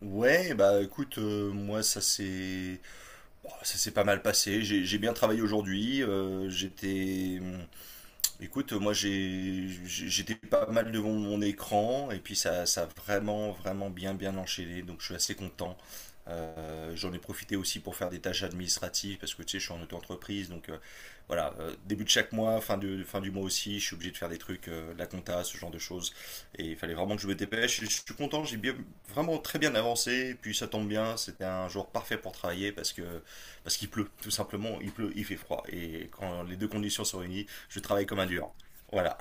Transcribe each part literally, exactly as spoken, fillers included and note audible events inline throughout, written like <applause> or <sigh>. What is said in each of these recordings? Ouais, bah écoute, euh, moi ça s'est oh, ça s'est pas mal passé. J'ai j'ai bien travaillé aujourd'hui. Euh, j'étais Écoute, moi j'ai j'étais pas mal devant mon écran et puis ça, ça a vraiment vraiment bien bien enchaîné, donc je suis assez content. Euh, j'en ai profité aussi pour faire des tâches administratives parce que tu sais je suis en auto-entreprise, donc euh, voilà. Euh, début de chaque mois, fin de fin du mois aussi, je suis obligé de faire des trucs, euh, de la compta, ce genre de choses, et il fallait vraiment que je me dépêche. Je suis content, j'ai bien vraiment très bien avancé, et puis ça tombe bien, c'était un jour parfait pour travailler parce que parce qu'il pleut tout simplement, il pleut, il fait froid, et quand les deux conditions sont réunies, je travaille comme un dur. Voilà.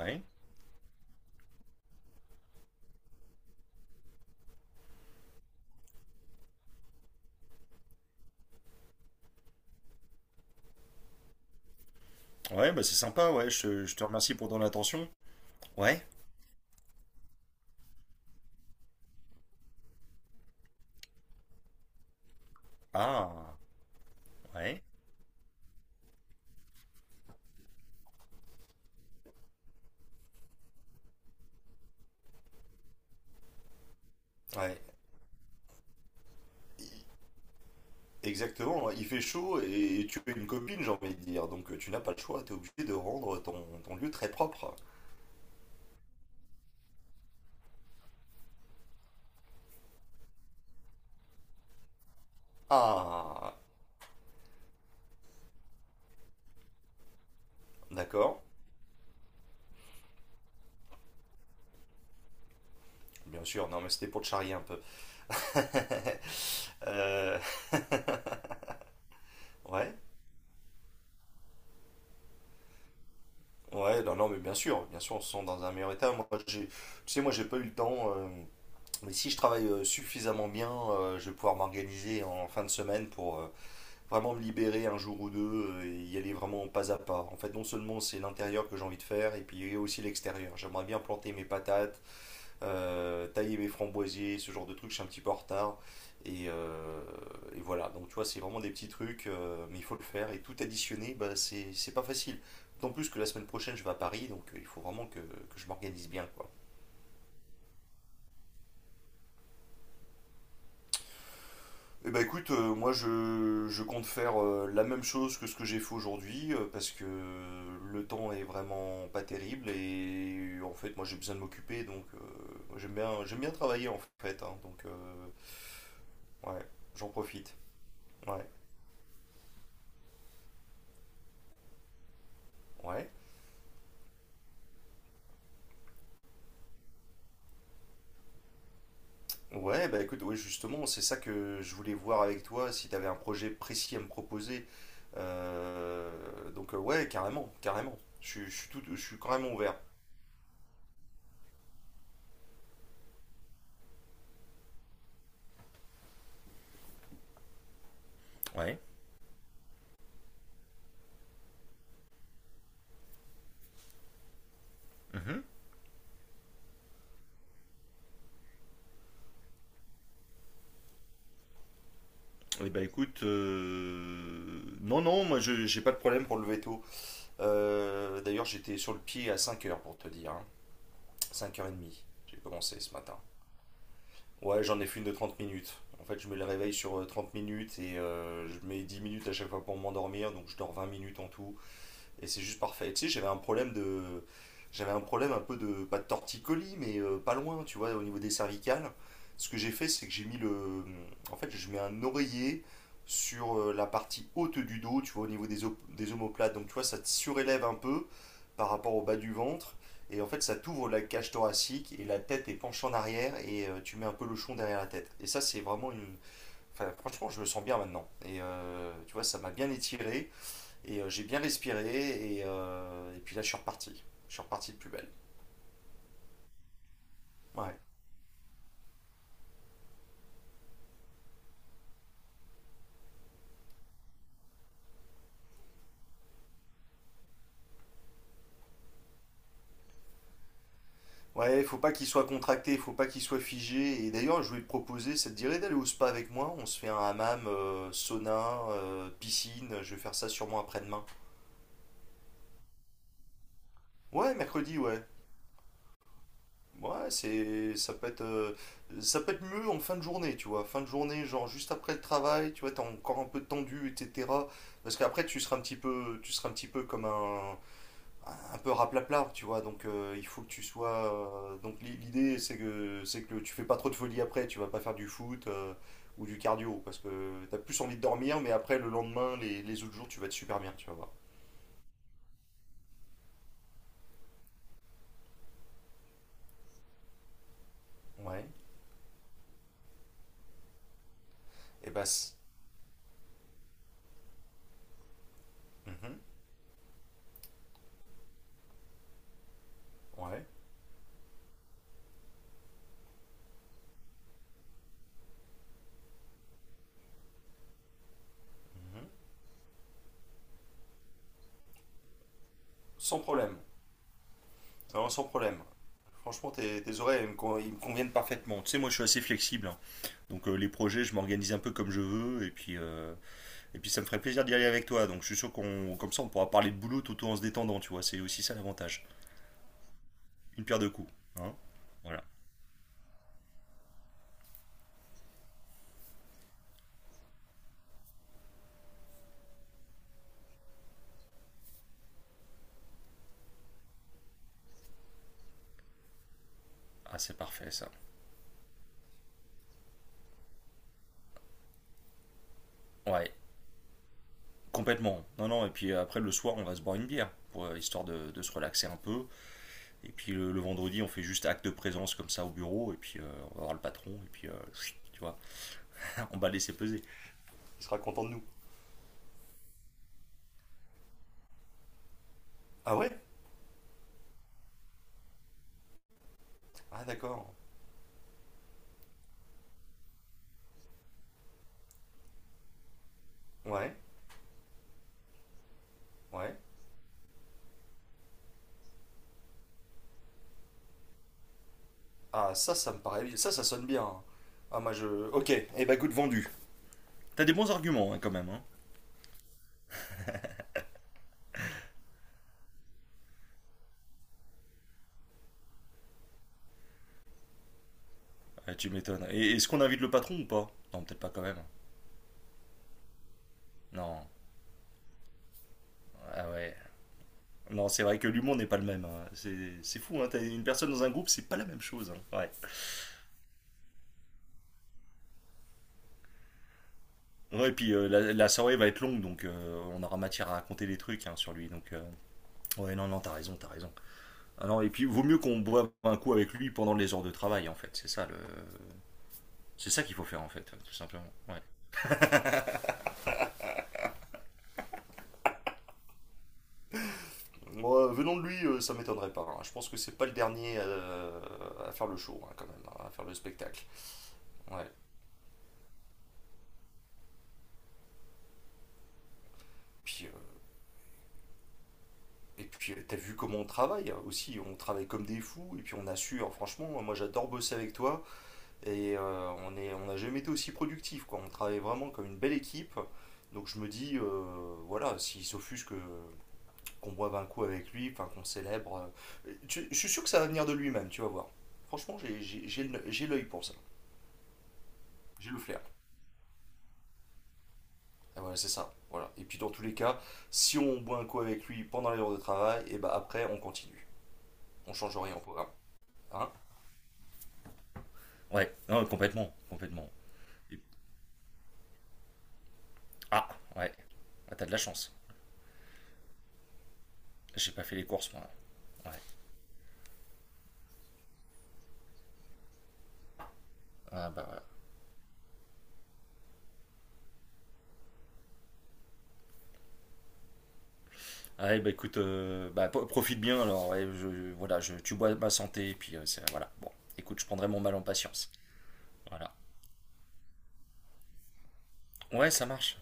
Ouais. Ouais, bah c'est sympa, ouais. Je, je te remercie pour ton attention. Ouais. Ah. Ouais. Ouais. Exactement, ouais. Il fait chaud, et et tu es une copine, j'ai envie de dire, donc euh, tu n'as pas le choix, t'es obligé de rendre ton, ton lieu très propre. Ah, d'accord, bien sûr, non mais c'était pour te charrier un peu. <laughs> Euh, ouais, ouais, non, non mais bien sûr, bien sûr, on se sent dans un meilleur état. Moi, j'ai, tu sais, moi j'ai pas eu le temps, euh, mais si je travaille euh, suffisamment bien, euh, je vais pouvoir m'organiser en fin de semaine pour euh, vraiment me libérer un jour ou deux, euh, et y aller vraiment pas à pas. En fait, non seulement c'est l'intérieur que j'ai envie de faire, et puis aussi l'extérieur. J'aimerais bien planter mes patates, euh, tailler mes framboisiers, ce genre de trucs, je suis un petit peu en retard. Et, euh, et voilà, donc tu vois, c'est vraiment des petits trucs, euh, mais il faut le faire. Et tout additionner, bah, c'est c'est pas facile. D'autant plus que la semaine prochaine, je vais à Paris, donc euh, il faut vraiment que, que je m'organise bien, quoi. Eh ben écoute, euh, moi je, je compte faire euh, la même chose que ce que j'ai fait aujourd'hui, euh, parce que le temps est vraiment pas terrible, et euh, en fait moi j'ai besoin de m'occuper, donc euh, j'aime bien j'aime bien travailler en fait, hein, donc euh, ouais, j'en profite. Ouais, ouais, ouais, bah écoute, ouais, justement, c'est ça que je voulais voir avec toi si t'avais un projet précis à me proposer. Euh, donc euh, ouais, carrément carrément, je, suis- je suis tout je suis carrément ouvert. Ouais. Mhm. Eh ben écoute, euh, non, non, moi je j'ai pas de problème pour le veto. Euh, d'ailleurs, j'étais sur le pied à cinq heures pour te dire, hein. cinq heures trente, j'ai commencé ce matin. Ouais, j'en ai fait une de trente minutes. En fait, je mets le réveil sur euh, trente minutes, et euh, je mets dix minutes à chaque fois pour m'endormir, donc je dors vingt minutes en tout. Et c'est juste parfait. Et tu sais, j'avais un problème de. J'avais un problème un peu de. Pas de torticolis, mais euh, pas loin, tu vois, au niveau des cervicales. Ce que j'ai fait, c'est que j'ai mis le. En fait, je mets un oreiller sur euh, la partie haute du dos, tu vois, au niveau des, op- des omoplates. Donc, tu vois, ça te surélève un peu par rapport au bas du ventre. Et en fait, ça t'ouvre la cage thoracique et la tête est penchée en arrière, et euh, tu mets un peu le chon derrière la tête. Et ça, c'est vraiment une. Enfin, franchement, je me sens bien maintenant. Et euh, tu vois, ça m'a bien étiré. Et euh, j'ai bien respiré, et, euh, et puis là, je suis reparti. Je suis reparti de plus belle. Ouais. Ouais, faut pas qu'il soit contracté, faut pas qu'il soit figé. Et d'ailleurs, je voulais te proposer, ça te dirait d'aller au spa avec moi? On se fait un hammam, euh, sauna, euh, piscine. Je vais faire ça sûrement après-demain. Ouais, mercredi, ouais. Ouais, c'est, ça peut être, euh, ça peut être mieux en fin de journée, tu vois. Fin de journée, genre juste après le travail, tu vois, t'es encore un peu tendu, et cetera. Parce qu'après, tu seras un petit peu, tu seras un petit peu comme un, un peu raplapla, tu vois. Donc euh, il faut que tu sois. euh, donc l'i- l'idée, c'est que c'est que tu fais pas trop de folie après. Tu vas pas faire du foot, euh, ou du cardio, parce que t'as plus envie de dormir, mais après, le lendemain, les, les autres jours, tu vas être super bien, tu vas voir. Ouais. Et bah c- Mhm. Ouais. Mhm. Sans problème. Non, sans problème. Franchement, tes, tes horaires, ils me, con- ils me conviennent parfaitement. Tu sais, moi, je suis assez flexible, hein. Donc, euh, les projets, je m'organise un peu comme je veux. Et puis, euh, Et puis, ça me ferait plaisir d'y aller avec toi, donc je suis sûr qu'on, comme ça, on pourra parler de boulot tout en se détendant, tu vois. C'est aussi ça l'avantage. Une pierre deux coups, hein. Voilà. Ah, c'est parfait ça. Ouais, complètement. Non, non. Et puis après, le soir, on va se boire une bière, pour, euh, histoire de, de se relaxer un peu. Et puis le, le vendredi, on fait juste acte de présence comme ça au bureau, et puis euh, on va voir le patron, et puis euh, chut, tu vois, on va le laisser peser. Il sera content de nous. Ah, ouais? Ah, d'accord. Ouais, ouais. Ah, ça, ça me paraît bien. ça, ça sonne bien. Ah, moi je, ok. Eh ben, goût de vendu. T'as des bons arguments, hein, quand même. Hein. Ah, tu m'étonnes. Et est-ce qu'on invite le patron ou pas? Non, peut-être pas quand même. Non, ah ouais. Non, c'est vrai que l'humour n'est pas le même, hein. C'est c'est fou, hein. T'as une personne dans un groupe, c'est pas la même chose, hein. Ouais. Ouais, et puis euh, la, la soirée va être longue, donc euh, on aura matière à raconter des trucs, hein, sur lui. Donc, euh, ouais, non, non, t'as raison, t'as raison. Ah non, et puis vaut mieux qu'on boive un coup avec lui pendant les heures de travail, en fait. C'est ça le, c'est ça qu'il faut faire, en fait, tout simplement. Ouais. Moi, venant de lui, euh, ça m'étonnerait pas, hein. Je pense que c'est pas le dernier, euh, à faire le show, hein, quand même, hein, à faire le spectacle. Ouais. Puis, euh, Et puis, euh, t'as vu comment on travaille, hein, aussi, on travaille comme des fous, et puis on assure, franchement, moi j'adore bosser avec toi, et euh, on est, on n'a jamais été aussi productif, quoi. On travaille vraiment comme une belle équipe, donc je me dis, euh, voilà, s'il s'offusque que qu'on boive un coup avec lui, enfin qu'on célèbre, euh, tu- je suis sûr que ça va venir de lui-même, tu vas voir. Franchement, j'ai- j'ai j'ai le- j'ai l'œil pour ça, j'ai le flair. Et voilà, c'est ça, voilà. Et puis dans tous les cas, si on boit un coup avec lui pendant les heures de travail, et ben après on continue, on change rien au programme, hein. Ouais, non, complètement, complètement. Et- Ah, ouais. Ah, t'as de la chance. J'ai pas fait les courses, moi. Ouais. Ah, bah, voilà. Ouais, bah écoute, euh, bah, po- profite bien alors. Ouais, je, je- voilà, je, tu bois ma santé, et puis euh, c'est- voilà. Bon, écoute, je prendrai mon mal en patience. Voilà. Ouais, ça marche.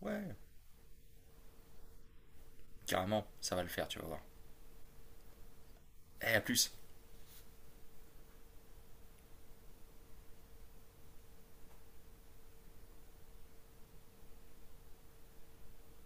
Ouais, carrément, ça va le faire, tu vas voir. Eh, à plus.